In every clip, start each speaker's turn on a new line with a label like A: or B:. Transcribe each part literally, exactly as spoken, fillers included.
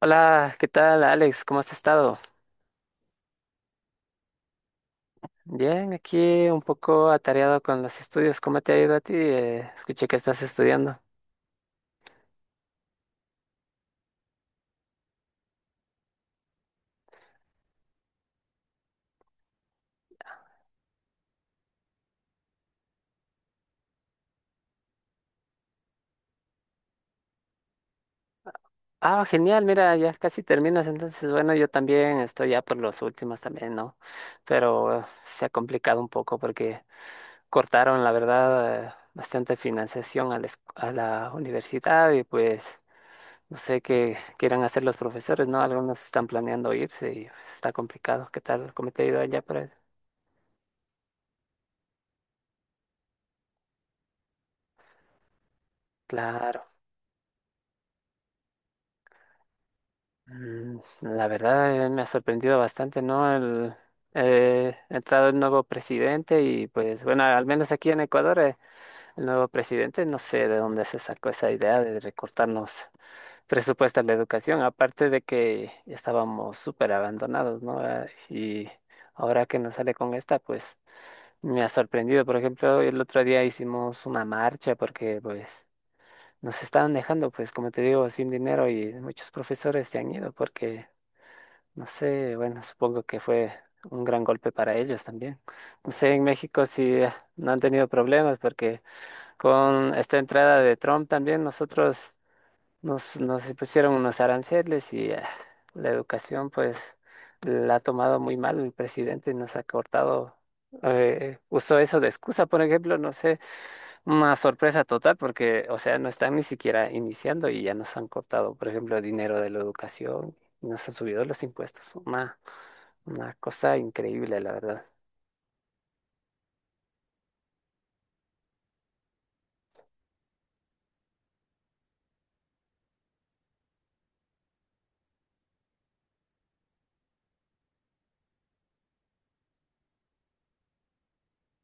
A: Hola, ¿qué tal, Alex? ¿Cómo has estado? Bien, aquí un poco atareado con los estudios. ¿Cómo te ha ido a ti? Eh, escuché que estás estudiando. Ah, genial, mira, ya casi terminas. Entonces, bueno, yo también estoy ya por los últimos también, ¿no? Pero eh, se ha complicado un poco porque cortaron, la verdad, eh, bastante financiación a la, esc- a la universidad y pues no sé qué quieran hacer los profesores, ¿no? Algunos están planeando irse y pues, está complicado. ¿Qué tal? ¿Cómo te ha ido allá por ahí? Claro. Mm, La verdad eh, me ha sorprendido bastante, ¿no? El, eh, ha entrado el nuevo presidente y pues bueno, al menos aquí en Ecuador, eh, el nuevo presidente no sé de dónde se sacó esa idea de recortarnos presupuesto a la educación, aparte de que estábamos súper abandonados, ¿no? Ah, y ahora que nos sale con esta, pues me ha sorprendido. Por ejemplo, el otro día hicimos una marcha porque pues nos estaban dejando, pues como te digo, sin dinero y muchos profesores se han ido porque no sé, bueno, supongo que fue un gran golpe para ellos también. No sé, en México sí eh, no han tenido problemas porque con esta entrada de Trump también nosotros nos, nos pusieron unos aranceles y eh, la educación pues la ha tomado muy mal el presidente, nos ha cortado, eh, eh, usó eso de excusa, por ejemplo, no sé, una sorpresa total porque, o sea, no están ni siquiera iniciando y ya nos han cortado, por ejemplo, dinero de la educación. Nos han subido los impuestos. Una una cosa increíble, la verdad.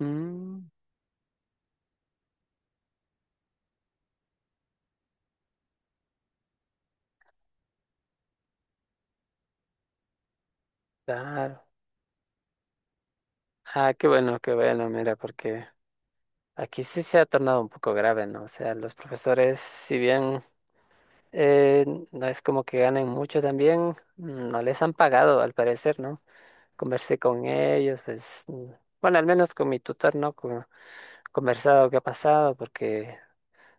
A: Mm, claro. Ah, qué bueno, qué bueno, mira, porque aquí sí se ha tornado un poco grave, ¿no? O sea, los profesores, si bien eh, no es como que ganen mucho también, mm, no les han pagado, al parecer, ¿no? Conversé con ellos, pues, mm, bueno, al menos con mi tutor, ¿no? Con- conversado qué ha pasado, porque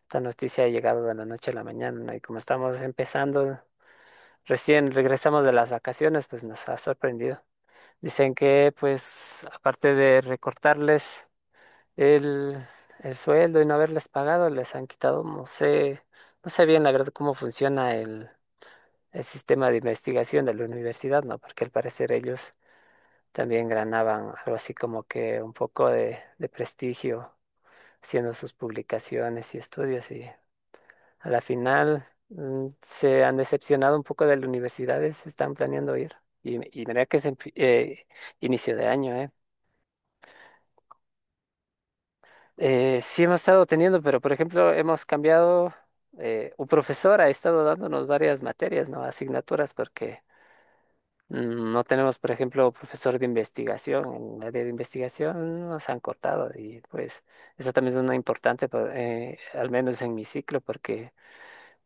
A: esta noticia ha llegado de la noche a la mañana, ¿no? Y como estamos empezando, recién regresamos de las vacaciones, pues nos ha sorprendido. Dicen que, pues, aparte de recortarles el, el sueldo y no haberles pagado, les han quitado, no sé, no sé bien la verdad cómo funciona el, el sistema de investigación de la universidad, ¿no? Porque al parecer ellos también ganaban algo así como que un poco de, de prestigio haciendo sus publicaciones y estudios y a la final mm, se han decepcionado un poco de las universidades, están planeando ir. Y, y mira que es en fi- eh, inicio de año, ¿eh? Eh, sí hemos estado teniendo, pero por ejemplo hemos cambiado, eh, un profesor ha estado dándonos varias materias, ¿no? Asignaturas, porque mm, no tenemos, por ejemplo, profesor de investigación. En el área de investigación nos han cortado y pues esa también es una importante, pa- eh, al menos en mi ciclo, porque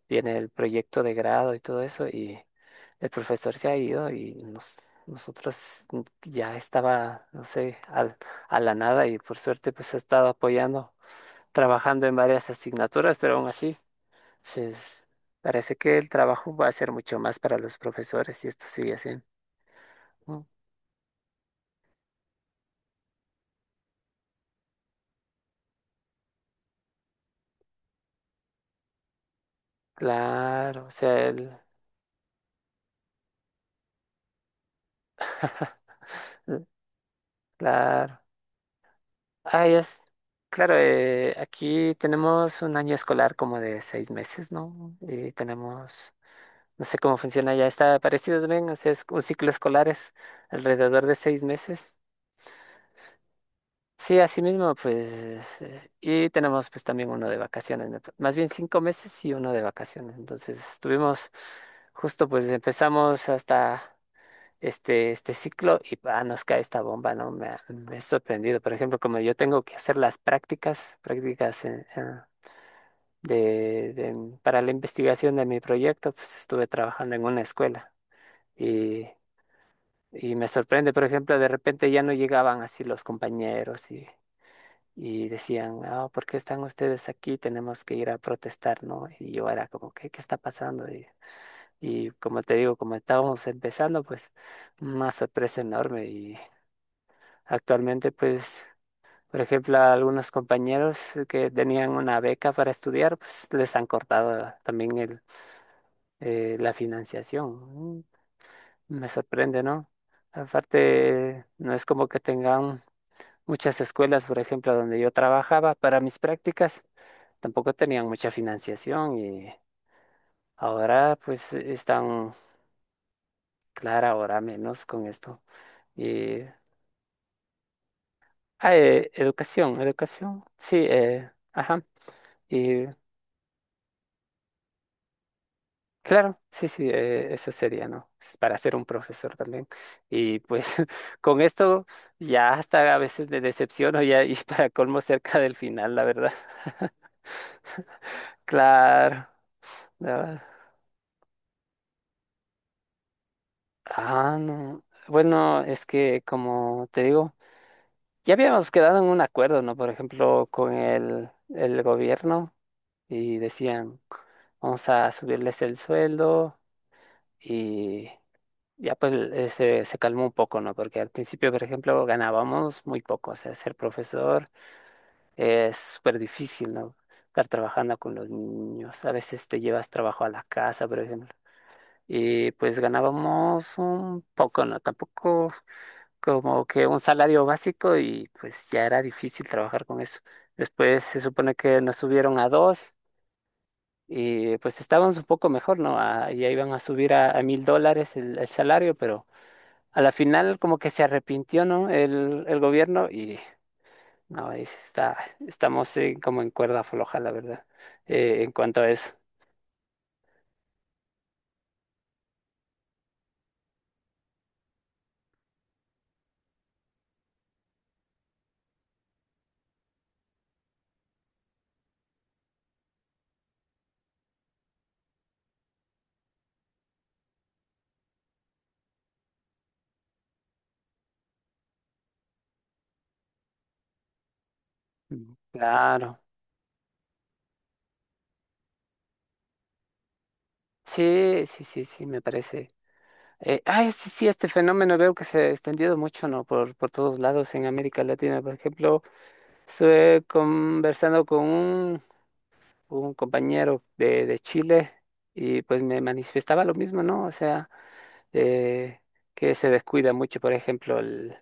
A: viene el proyecto de grado y todo eso y el profesor se ha ido y nos- nosotros ya estaba, no sé, al- a la nada y por suerte pues ha estado apoyando trabajando en varias asignaturas, pero aún así se es- parece que el trabajo va a ser mucho más para los profesores si esto sigue así. Mm, claro, o sea, el- l- claro. Ah, ya es, claro, eh, aquí tenemos un año escolar como de seis meses, ¿no? Y tenemos, no sé cómo funciona ya, está parecido también, o sea, es un ciclo escolar es alrededor de seis meses. Sí, así mismo, pues, eh, y tenemos pues también uno de vacaciones, me pa- más bien cinco meses y uno de vacaciones. Entonces estuvimos justo pues empezamos hasta este, este ciclo y pa, nos cae esta bomba, ¿no? Me ha, me ha sorprendido. Por ejemplo, como yo tengo que hacer las prácticas, prácticas en- en- de, de- para la investigación de mi proyecto, pues estuve trabajando en una escuela y, y me sorprende, por ejemplo, de repente ya no llegaban así los compañeros y y decían, ah, ¿por qué están ustedes aquí? Tenemos que ir a protestar, ¿no? Y yo era como, ¿qué, ¿qué está pasando? Y, y como te digo, como estábamos empezando, pues una sorpresa enorme. Y actualmente, pues, por ejemplo, a algunos compañeros que tenían una beca para estudiar, pues les han cortado también el, eh, la financiación. Mm, me sorprende, ¿no? Aparte, no es como que tengan muchas escuelas, por ejemplo, donde yo trabajaba para mis prácticas. Tampoco tenían mucha financiación y ahora pues están, claro, ahora menos con esto. Y, ah, eh, educación, educación, sí, eh, ajá. Y claro, sí, sí, eh, eso sería, ¿no? Es para ser un profesor también. Y pues con esto ya hasta a veces me decepciono ya y para colmo cerca del final, la verdad. Claro. la- Ah, no. Bueno, es que como te digo, ya habíamos quedado en un acuerdo, ¿no? Por ejemplo, con el, el gobierno y decían, vamos a subirles el sueldo y ya pues eh, se, se calmó un poco, ¿no? Porque al principio, por ejemplo, ganábamos muy poco, o sea, ser profesor es súper difícil, ¿no? Estar trabajando con los niños, a veces te llevas trabajo a la casa, por ejemplo, y pues ganábamos un poco, ¿no? Tampoco como que un salario básico y pues ya era difícil trabajar con eso. Después se supone que nos subieron a dos y pues estábamos un poco mejor, ¿no? A- ya iban a subir a a mil dólares el, el salario, pero a la final como que se arrepintió, ¿no? El, el gobierno y no, es- está, estamos eh, como en cuerda floja, la verdad, eh, en cuanto a eso. Mm. Claro, sí, sí, sí, sí, me parece. Eh, ay, sí, sí, este fenómeno veo que se ha extendido mucho, ¿no? Por, por todos lados en América Latina. Por ejemplo, estuve conversando con un, un compañero de, de Chile y pues me manifestaba lo mismo, ¿no? O sea, eh, que se descuida mucho, por ejemplo, el-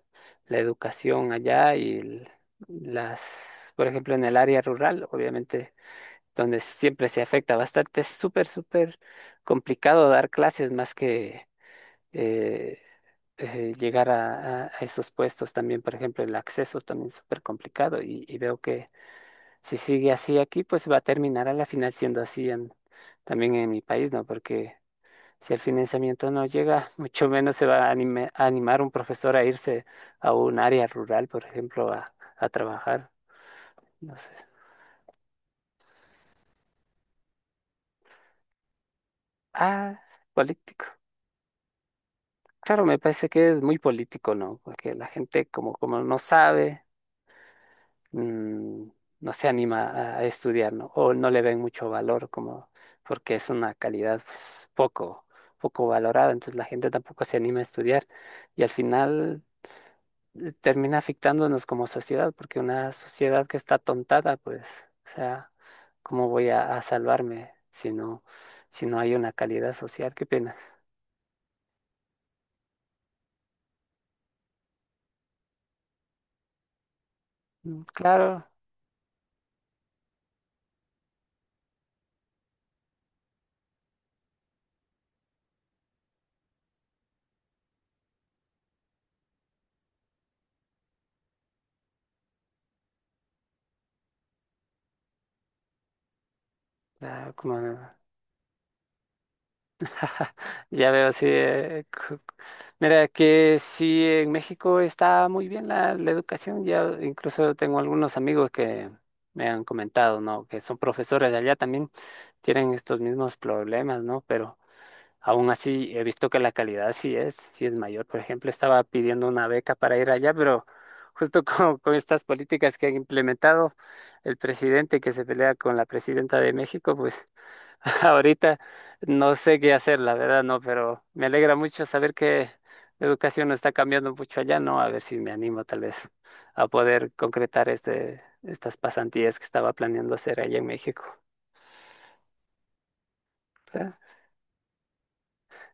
A: la educación allá y el- las, por ejemplo, en el área rural, obviamente, donde siempre se afecta bastante. Es súper, súper complicado dar clases más que eh, eh, llegar a, a- a esos puestos también, por ejemplo, el acceso también es súper complicado y, y veo que si sigue así aquí, pues va a terminar a la final siendo así en- también en mi país, ¿no? Porque si el financiamiento no llega, mucho menos se va a, anime- a animar un profesor a irse a un área rural, por ejemplo, a, a trabajar, no sé. Ah, político. Claro, me parece que es muy político, ¿no? Porque la gente como, como no sabe. Mm, no se anima a, a estudiar, ¿no? O no le ven mucho valor como porque es una calidad pues poco, poco valorada, entonces la gente tampoco se anima a estudiar y al final eh, termina afectándonos como sociedad, porque una sociedad que está tontada, pues, o sea, ¿cómo voy a, a salvarme si no, si no hay una calidad social? Qué pena. Mm, claro, ah, como ya veo, sí. eh, cu- Mira, que sí, en México está muy bien la, la educación. Ya incluso tengo algunos amigos que me han comentado, ¿no? Que son profesores de allá también, tienen estos mismos problemas, ¿no? Pero aún así he visto que la calidad sí es, sí es mayor. Por ejemplo, estaba pidiendo una beca para ir allá, pero justo con, con estas políticas que han implementado el presidente que se pelea con la presidenta de México, pues. Ahorita no sé qué hacer, la verdad, no, pero me alegra mucho saber que la educación no está cambiando mucho allá, ¿no? A ver si me animo tal vez a poder concretar este, estas pasantías que estaba planeando hacer allá en México. Claro,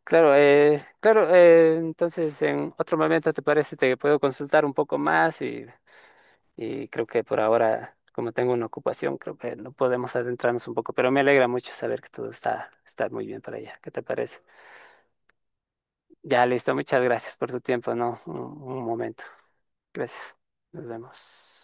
A: claro, eh, claro, eh, entonces en otro momento te parece, te puedo consultar un poco más y, y creo que por ahora, como tengo una ocupación, creo que no podemos adentrarnos un poco, pero me alegra mucho saber que todo está, está muy bien para allá. ¿Qué te parece? Ya listo, muchas gracias por tu tiempo, ¿no? un un momento. Gracias. Nos vemos.